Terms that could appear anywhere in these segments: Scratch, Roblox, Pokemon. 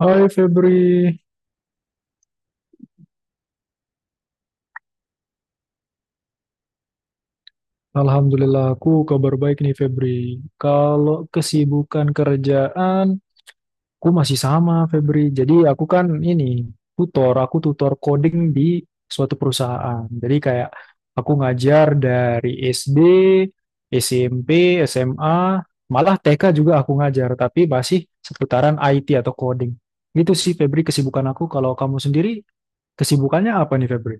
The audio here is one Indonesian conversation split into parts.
Hai Febri, alhamdulillah aku kabar baik nih Febri. Kalau kesibukan kerjaan, aku masih sama Febri. Jadi aku kan ini tutor, aku tutor coding di suatu perusahaan. Jadi kayak aku ngajar dari SD, SMP, SMA, malah TK juga aku ngajar, tapi masih seputaran IT atau coding. Gitu sih Febri kesibukan aku. Kalau kamu sendiri, kesibukannya apa nih Febri?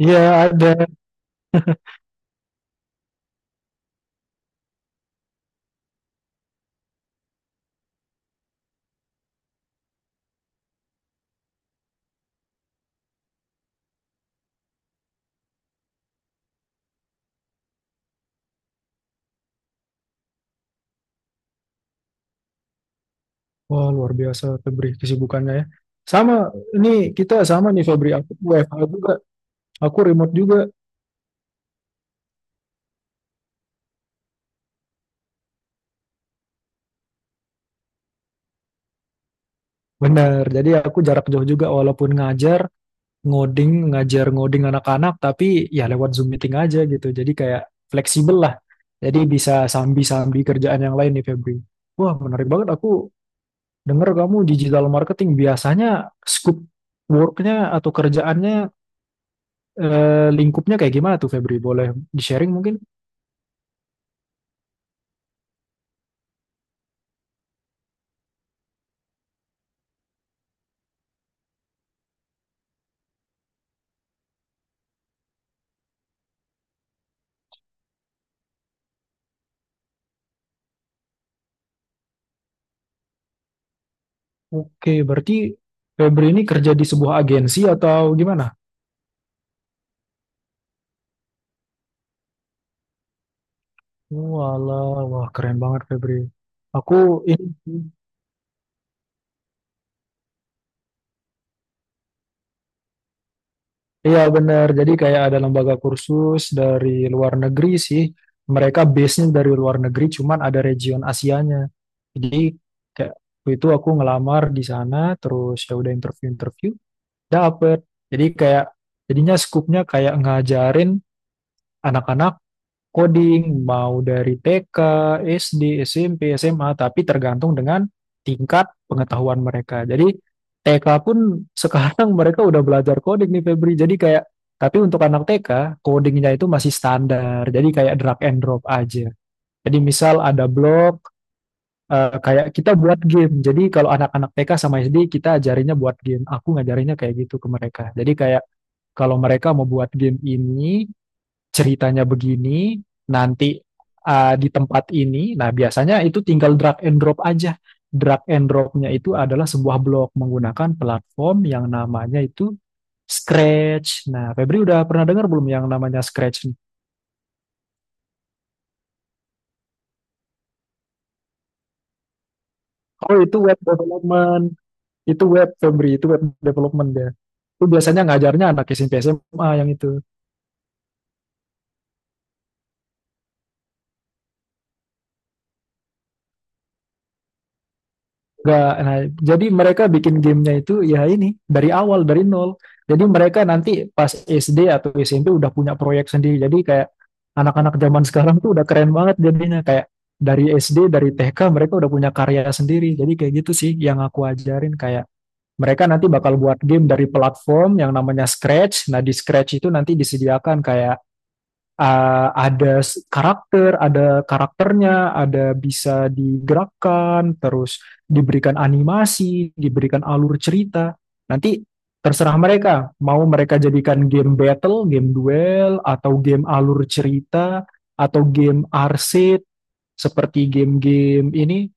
Iya, ada. Wah, luar biasa Febri kesibukannya ya. Sama, ini kita sama nih Febri, aku WFH juga, aku remote juga. Benar, jadi aku jarak jauh juga walaupun ngajar ngoding anak-anak, tapi ya lewat Zoom meeting aja gitu. Jadi kayak fleksibel lah, jadi bisa sambi-sambi kerjaan yang lain nih Febri. Wah, menarik banget aku dengar kamu digital marketing. Biasanya scope worknya atau kerjaannya lingkupnya kayak gimana tuh Febri? Boleh di-sharing mungkin? Oke, berarti Febri ini kerja di sebuah agensi atau gimana? Walah, wah keren banget Febri. Aku ini, iya benar. Jadi kayak ada lembaga kursus dari luar negeri sih. Mereka base-nya dari luar negeri, cuman ada region Asianya. Jadi kayak waktu itu aku ngelamar di sana, terus ya udah interview-interview, dapet. Jadi kayak jadinya skupnya kayak ngajarin anak-anak coding, mau dari TK, SD, SMP, SMA, tapi tergantung dengan tingkat pengetahuan mereka. Jadi TK pun sekarang mereka udah belajar coding nih Febri. Jadi kayak, tapi untuk anak TK, codingnya itu masih standar. Jadi kayak drag and drop aja. Jadi misal ada blok, kayak kita buat game. Jadi kalau anak-anak TK sama SD, kita ajarinnya buat game. Aku ngajarinnya kayak gitu ke mereka. Jadi kayak kalau mereka mau buat game ini, ceritanya begini, nanti di tempat ini. Nah, biasanya itu tinggal drag and drop aja. Drag and dropnya itu adalah sebuah blog menggunakan platform yang namanya itu Scratch. Nah, Febri udah pernah dengar belum yang namanya Scratch? Oh, itu web development. Itu web, Febri. Itu web development ya. Itu biasanya ngajarnya anak SMP SMA yang itu. Nggak, nah, jadi mereka bikin gamenya itu ya ini dari awal dari nol. Jadi mereka nanti pas SD atau SMP udah punya proyek sendiri. Jadi kayak anak-anak zaman sekarang tuh udah keren banget jadinya kayak dari SD dari TK mereka udah punya karya sendiri. Jadi kayak gitu sih yang aku ajarin kayak mereka nanti bakal buat game dari platform yang namanya Scratch. Nah, di Scratch itu nanti disediakan kayak ada karakternya, ada bisa digerakkan, terus diberikan animasi, diberikan alur cerita. Nanti terserah mereka, mau mereka jadikan game battle, game duel, atau game alur cerita, atau game arcade, seperti game-game ini,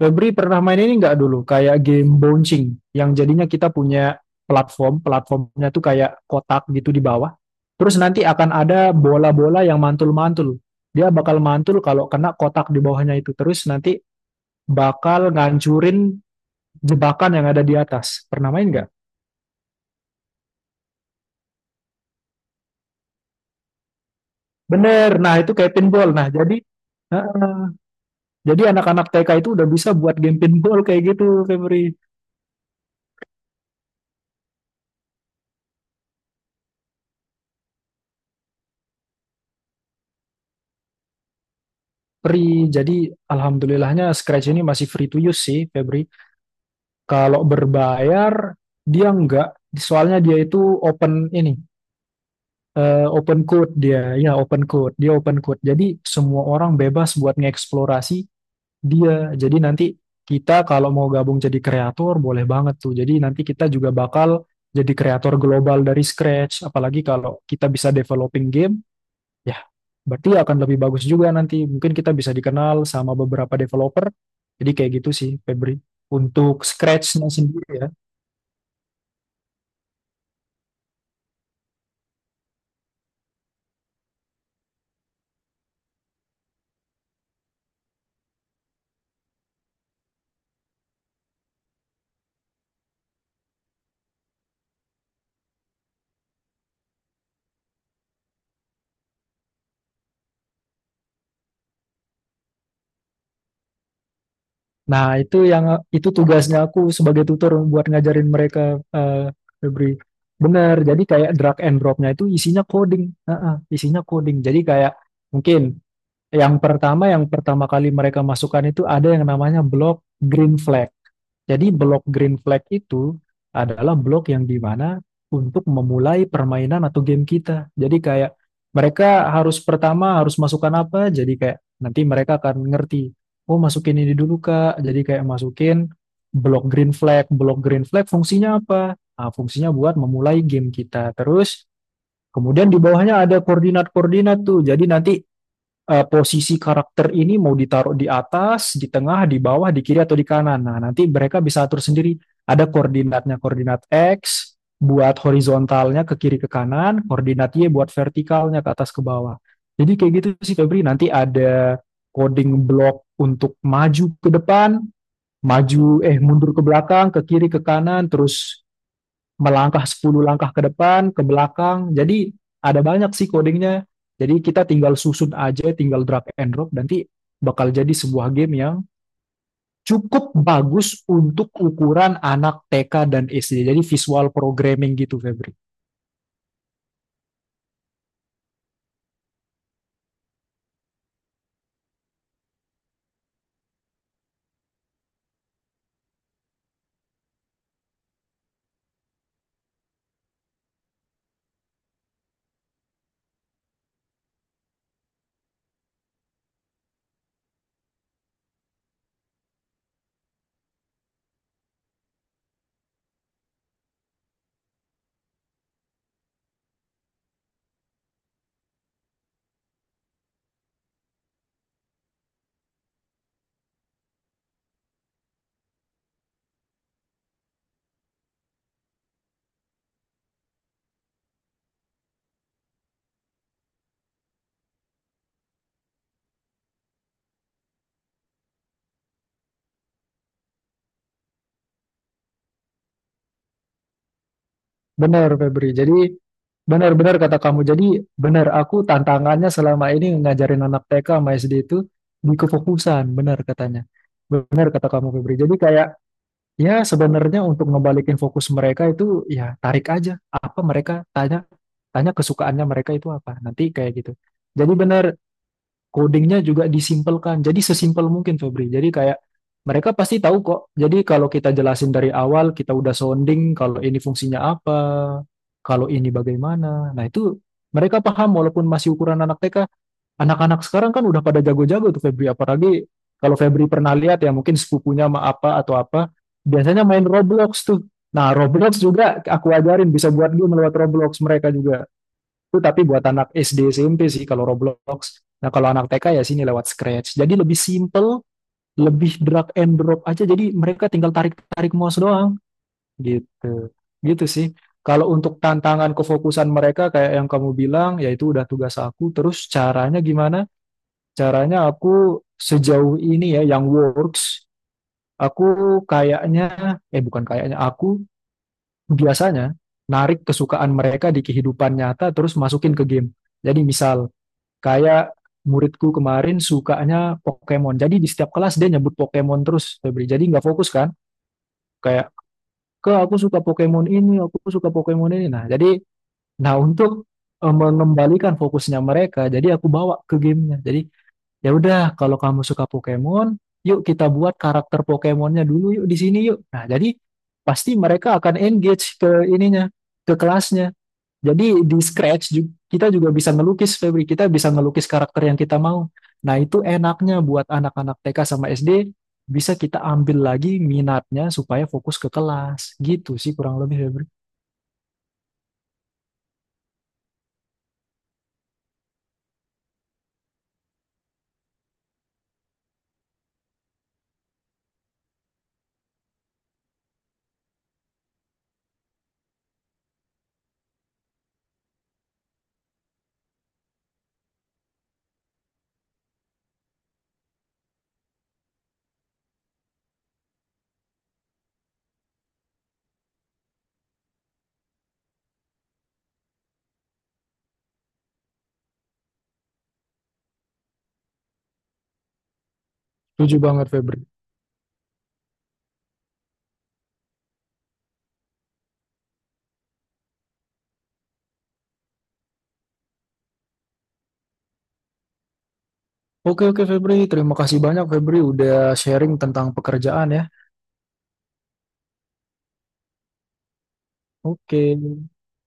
Febri pernah main ini nggak dulu? Kayak game bouncing yang jadinya kita punya platform, platformnya tuh kayak kotak gitu di bawah. Terus nanti akan ada bola-bola yang mantul-mantul. Dia bakal mantul kalau kena kotak di bawahnya itu. Terus nanti bakal ngancurin jebakan yang ada di atas. Pernah main nggak? Bener. Nah, itu kayak pinball. Nah, jadi heeh, jadi anak-anak TK itu udah bisa buat game pinball kayak gitu, Febri. Febri, jadi alhamdulillahnya Scratch ini masih free to use sih, Febri. Kalau berbayar dia enggak, soalnya dia itu open code dia, ya open code, dia open code. Jadi semua orang bebas buat ngeksplorasi dia. Jadi nanti kita kalau mau gabung jadi kreator boleh banget tuh. Jadi nanti kita juga bakal jadi kreator global dari scratch. Apalagi kalau kita bisa developing game, ya berarti akan lebih bagus juga nanti. Mungkin kita bisa dikenal sama beberapa developer. Jadi kayak gitu sih, Febri. Untuk scratch-nya sendiri ya. Nah, itu yang itu tugasnya aku sebagai tutor buat ngajarin mereka Febri. Bener. Jadi kayak drag and dropnya itu isinya coding. Heeh, isinya coding. Jadi kayak mungkin yang pertama kali mereka masukkan itu ada yang namanya block green flag. Jadi blok green flag itu adalah blok yang dimana untuk memulai permainan atau game kita. Jadi kayak mereka harus pertama harus masukkan apa, jadi kayak nanti mereka akan ngerti. Oh masukin ini dulu Kak, jadi kayak masukin blok green flag. Blok green flag fungsinya apa? Ah, fungsinya buat memulai game kita. Terus kemudian di bawahnya ada koordinat-koordinat tuh. Jadi nanti posisi karakter ini mau ditaruh di atas, di tengah, di bawah, di kiri atau di kanan. Nah, nanti mereka bisa atur sendiri. Ada koordinatnya, koordinat X buat horizontalnya ke kiri ke kanan, koordinat Y buat vertikalnya ke atas ke bawah. Jadi kayak gitu sih Febri, nanti ada coding block untuk maju ke depan, maju eh mundur ke belakang, ke kiri ke kanan, terus melangkah 10 langkah ke depan, ke belakang. Jadi ada banyak sih codingnya. Jadi kita tinggal susun aja, tinggal drag and drop, nanti bakal jadi sebuah game yang cukup bagus untuk ukuran anak TK dan SD. Jadi visual programming gitu, Febri. Benar, Febri. Jadi benar-benar kata kamu. Jadi benar, aku tantangannya selama ini ngajarin anak TK sama SD itu di kefokusan, benar katanya. Benar kata kamu, Febri. Jadi kayak ya, sebenarnya untuk ngebalikin fokus mereka itu ya tarik aja apa mereka tanya tanya kesukaannya mereka itu apa. Nanti kayak gitu. Jadi benar codingnya juga disimpelkan. Jadi sesimpel mungkin Febri. Jadi kayak mereka pasti tahu kok. Jadi kalau kita jelasin dari awal, kita udah sounding kalau ini fungsinya apa, kalau ini bagaimana. Nah, itu mereka paham walaupun masih ukuran anak TK. Anak-anak sekarang kan udah pada jago-jago tuh Febri, apalagi kalau Febri pernah lihat ya mungkin sepupunya sama apa atau apa, biasanya main Roblox tuh. Nah, Roblox juga aku ajarin bisa buat game lewat Roblox mereka juga. Itu tapi buat anak SD SMP sih kalau Roblox. Nah, kalau anak TK ya sini lewat Scratch. Jadi lebih simple, lebih drag and drop aja. Jadi mereka tinggal tarik-tarik mouse doang gitu. Gitu sih. Kalau untuk tantangan kefokusan mereka kayak yang kamu bilang, yaitu udah tugas aku, terus caranya gimana? Caranya aku sejauh ini ya yang works aku kayaknya eh bukan kayaknya aku biasanya narik kesukaan mereka di kehidupan nyata terus masukin ke game, jadi misal kayak muridku kemarin sukanya Pokemon, jadi di setiap kelas dia nyebut Pokemon terus Febri jadi nggak fokus kan, kayak ke aku suka Pokemon ini aku suka Pokemon ini, nah jadi nah untuk mengembalikan fokusnya mereka jadi aku bawa ke gamenya, jadi ya udah, kalau kamu suka Pokemon, yuk kita buat karakter Pokemonnya dulu yuk di sini yuk. Nah, jadi pasti mereka akan engage ke ininya, ke kelasnya. Jadi di Scratch kita juga bisa ngelukis Febri, kita bisa ngelukis karakter yang kita mau. Nah, itu enaknya buat anak-anak TK sama SD bisa kita ambil lagi minatnya supaya fokus ke kelas. Gitu sih kurang lebih Febri. Setuju banget Febri. Oke, oke Febri, terima kasih banyak Febri udah sharing tentang pekerjaan ya. Oke.